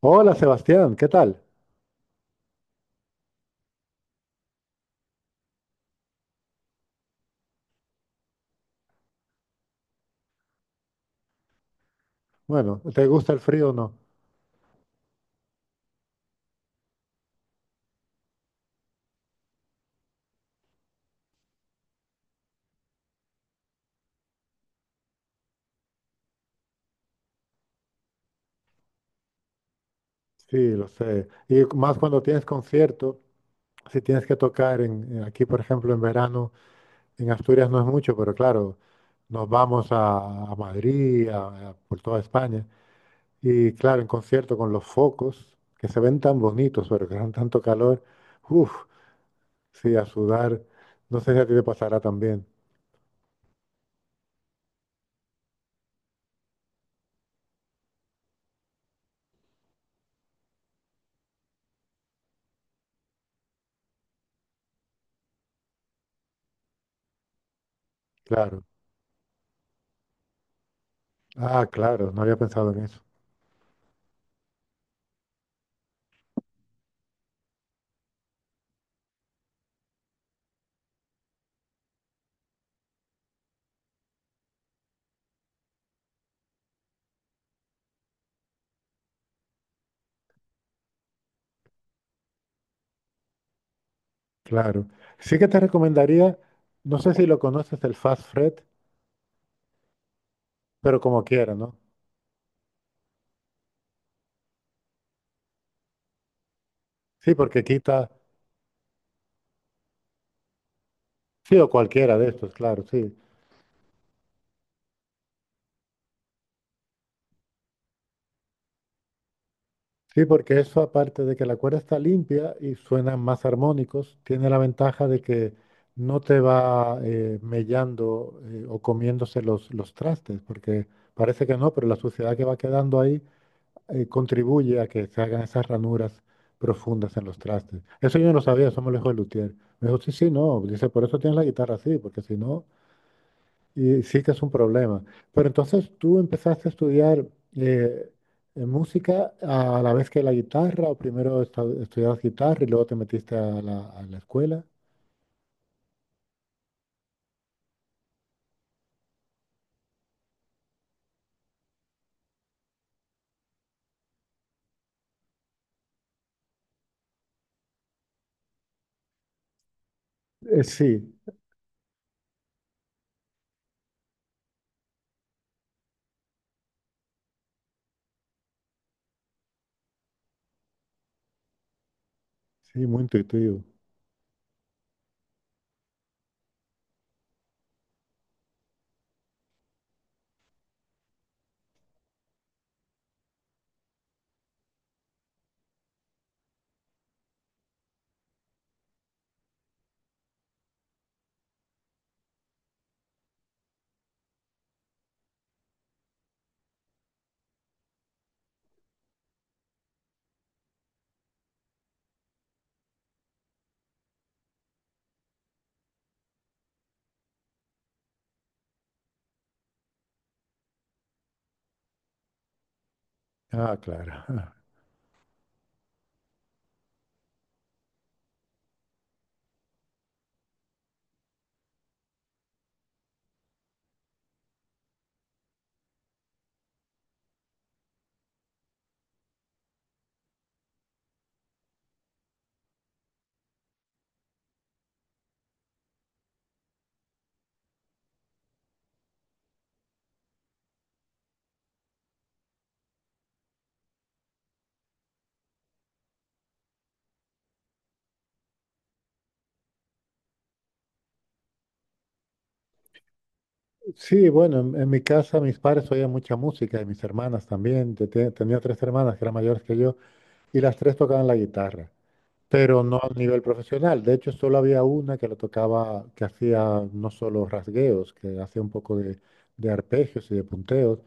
Hola Sebastián, ¿qué tal? Bueno, ¿te gusta el frío o no? Sí, lo sé. Y más cuando tienes concierto, si tienes que tocar aquí, por ejemplo, en verano, en Asturias no es mucho, pero claro, nos vamos a Madrid, por toda España. Y claro, en concierto con los focos, que se ven tan bonitos, pero que dan tanto calor. Uf, sí, a sudar. No sé si a ti te pasará también. Claro. Ah, claro, no había pensado en eso. Claro. Sí que te recomendaría, no sé si lo conoces, el Fast Fret, pero como quiera, ¿no? Sí, porque quita, sí, o cualquiera de estos, claro, sí. Sí, porque eso aparte de que la cuerda está limpia y suenan más armónicos, tiene la ventaja de que no te va mellando o comiéndose los trastes, porque parece que no, pero la suciedad que va quedando ahí contribuye a que se hagan esas ranuras profundas en los trastes. Eso yo no lo sabía, eso me lo dijo el luthier. Me dijo, sí, sí, no. Dice, por eso tienes la guitarra así, porque si no, y sí que es un problema. Pero entonces tú empezaste a estudiar eh, música a la vez que la guitarra, o primero estudiabas guitarra y luego te metiste a la escuela. Sí, sí, muy intuitivo. Ah, claro. Sí, bueno, en mi casa mis padres oían mucha música y mis hermanas también. Yo tenía tres hermanas que eran mayores que yo y las tres tocaban la guitarra, pero no a nivel profesional. De hecho, solo había una que lo tocaba, que hacía no solo rasgueos, que hacía un poco de arpegios y de punteos,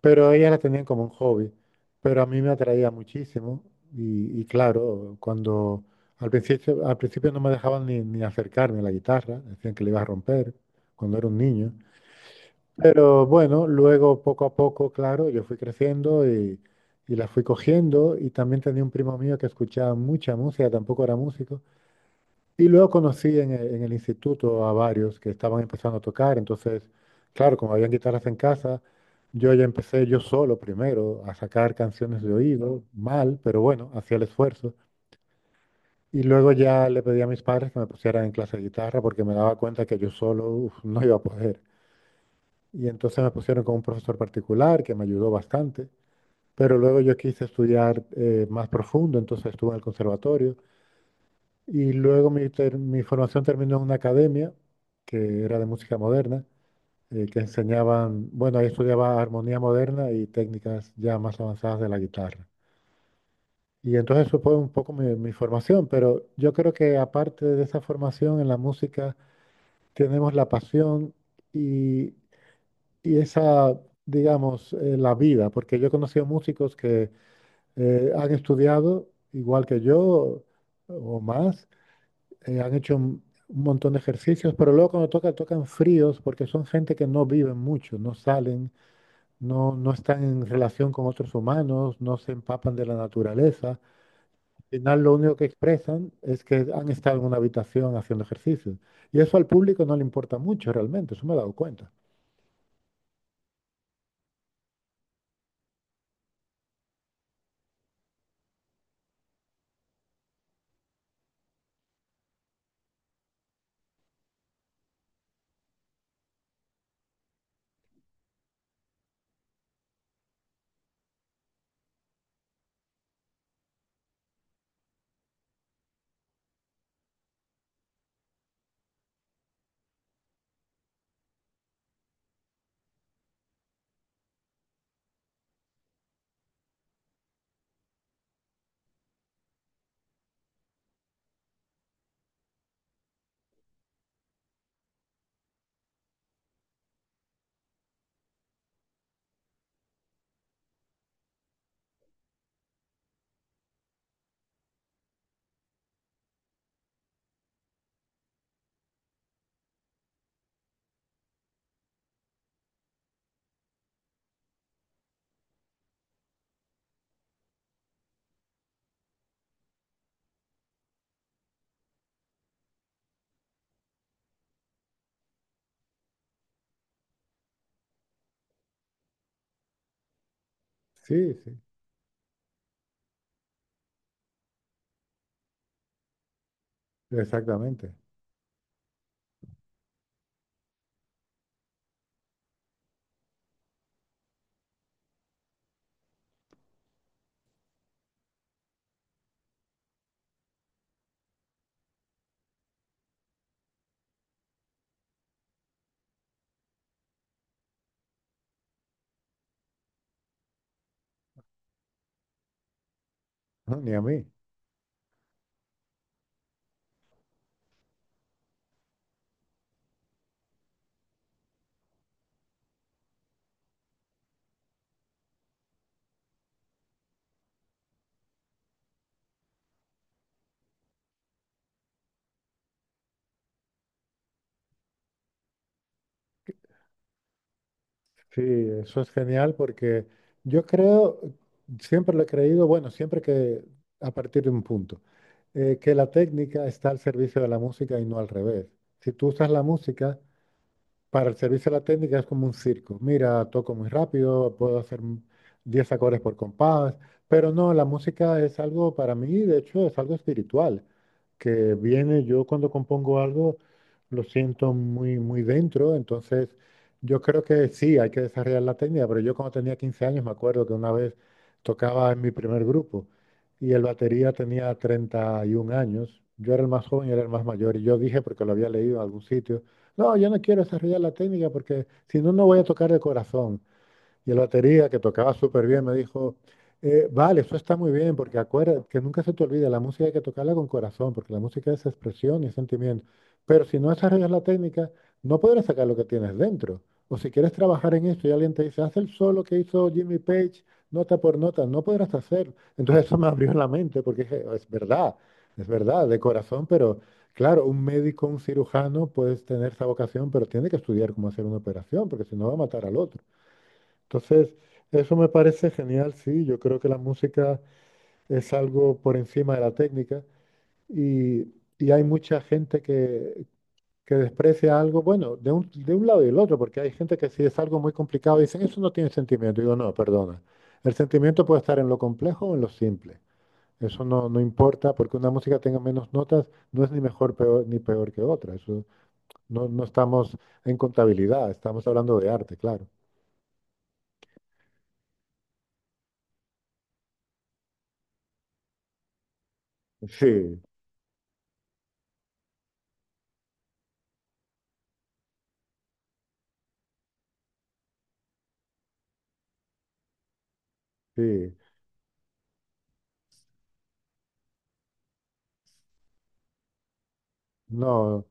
pero ella la tenían como un hobby, pero a mí me atraía muchísimo y claro, cuando al principio no me dejaban ni acercarme a la guitarra, decían que le iba a romper cuando era un niño. Pero bueno, luego poco a poco, claro, yo fui creciendo y la fui cogiendo y también tenía un primo mío que escuchaba mucha música, tampoco era músico. Y luego conocí en el instituto a varios que estaban empezando a tocar. Entonces, claro, como habían guitarras en casa, yo ya empecé yo solo primero a sacar canciones de oído, mal, pero bueno, hacía el esfuerzo. Y luego ya le pedí a mis padres que me pusieran en clase de guitarra porque me daba cuenta que yo solo, uf, no iba a poder. Y entonces me pusieron con un profesor particular que me ayudó bastante. Pero luego yo quise estudiar más profundo, entonces estuve en el conservatorio. Y luego mi formación terminó en una academia que era de música moderna, que enseñaban, bueno, ahí estudiaba armonía moderna y técnicas ya más avanzadas de la guitarra. Y entonces eso fue un poco mi formación, pero yo creo que aparte de esa formación en la música, tenemos la pasión y y esa, digamos, la vida, porque yo he conocido músicos que han estudiado igual que yo o más, han hecho un montón de ejercicios, pero luego cuando tocan, tocan fríos porque son gente que no viven mucho, no salen, no, no están en relación con otros humanos, no se empapan de la naturaleza. Al final lo único que expresan es que han estado en una habitación haciendo ejercicios. Y eso al público no le importa mucho realmente, eso me he dado cuenta. Sí, sí, exactamente. No, ni a mí. Sí, eso es genial porque yo creo, siempre lo he creído, bueno, siempre que a partir de un punto, que la técnica está al servicio de la música y no al revés. Si tú usas la música para el servicio a la técnica es como un circo. Mira, toco muy rápido, puedo hacer 10 acordes por compás, pero no, la música es algo para mí, de hecho, es algo espiritual, que viene yo cuando compongo algo, lo siento muy, muy dentro, entonces yo creo que sí, hay que desarrollar la técnica, pero yo cuando tenía 15 años me acuerdo que una vez tocaba en mi primer grupo y el batería tenía 31 años, yo era el más joven y era el más mayor, y yo dije, porque lo había leído en algún sitio, no, yo no quiero desarrollar la técnica porque si no, no voy a tocar el corazón. Y el batería, que tocaba súper bien, me dijo, vale, eso está muy bien, porque acuérdate, que nunca se te olvide, la música hay que tocarla con corazón, porque la música es expresión y es sentimiento. Pero si no desarrollas la técnica, no podrás sacar lo que tienes dentro. O si quieres trabajar en esto y alguien te dice, haz el solo que hizo Jimmy Page, nota por nota, no podrás hacerlo. Entonces eso me abrió la mente, porque dije, es verdad, de corazón, pero claro, un médico, un cirujano, puedes tener esa vocación, pero tiene que estudiar cómo hacer una operación, porque si no va a matar al otro. Entonces, eso me parece genial, sí. Yo creo que la música es algo por encima de la técnica y, y hay mucha gente que desprecia algo, bueno, de un lado y del otro, porque hay gente que si es algo muy complicado dicen, eso no tiene sentimiento. Digo, no, perdona. El sentimiento puede estar en lo complejo o en lo simple. Eso no, no importa, porque una música tenga menos notas no es ni mejor peor, ni peor que otra. Eso no, no estamos en contabilidad, estamos hablando de arte, claro. Sí, sí. No.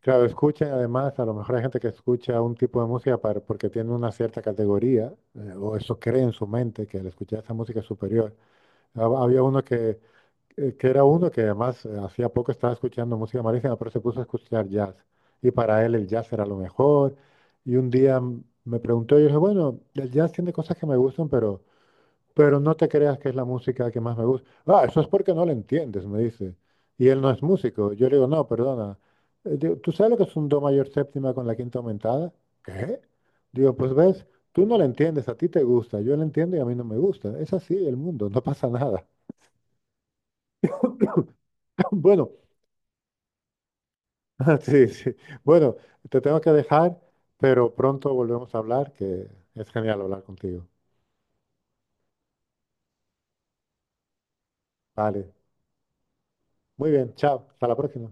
Claro, escuchan además, a lo mejor hay gente que escucha un tipo de música para, porque tiene una cierta categoría, o eso cree en su mente, que al escuchar esa música es superior. Había uno que era uno que además hacía poco estaba escuchando música malísima, pero se puso a escuchar jazz. Y para él el jazz era lo mejor. Y un día me preguntó, y yo dije, bueno, el jazz tiene cosas que me gustan, pero... Pero no te creas que es la música que más me gusta. Ah, eso es porque no la entiendes, me dice. Y él no es músico. Yo le digo, no, perdona. Digo, ¿tú sabes lo que es un do mayor séptima con la quinta aumentada? ¿Qué? Digo, pues ves, tú no la entiendes, a ti te gusta, yo la entiendo y a mí no me gusta. Es así el mundo, no pasa nada. Bueno, sí, sí. Bueno, te tengo que dejar, pero pronto volvemos a hablar, que es genial hablar contigo. Vale, muy bien, chao, hasta la próxima.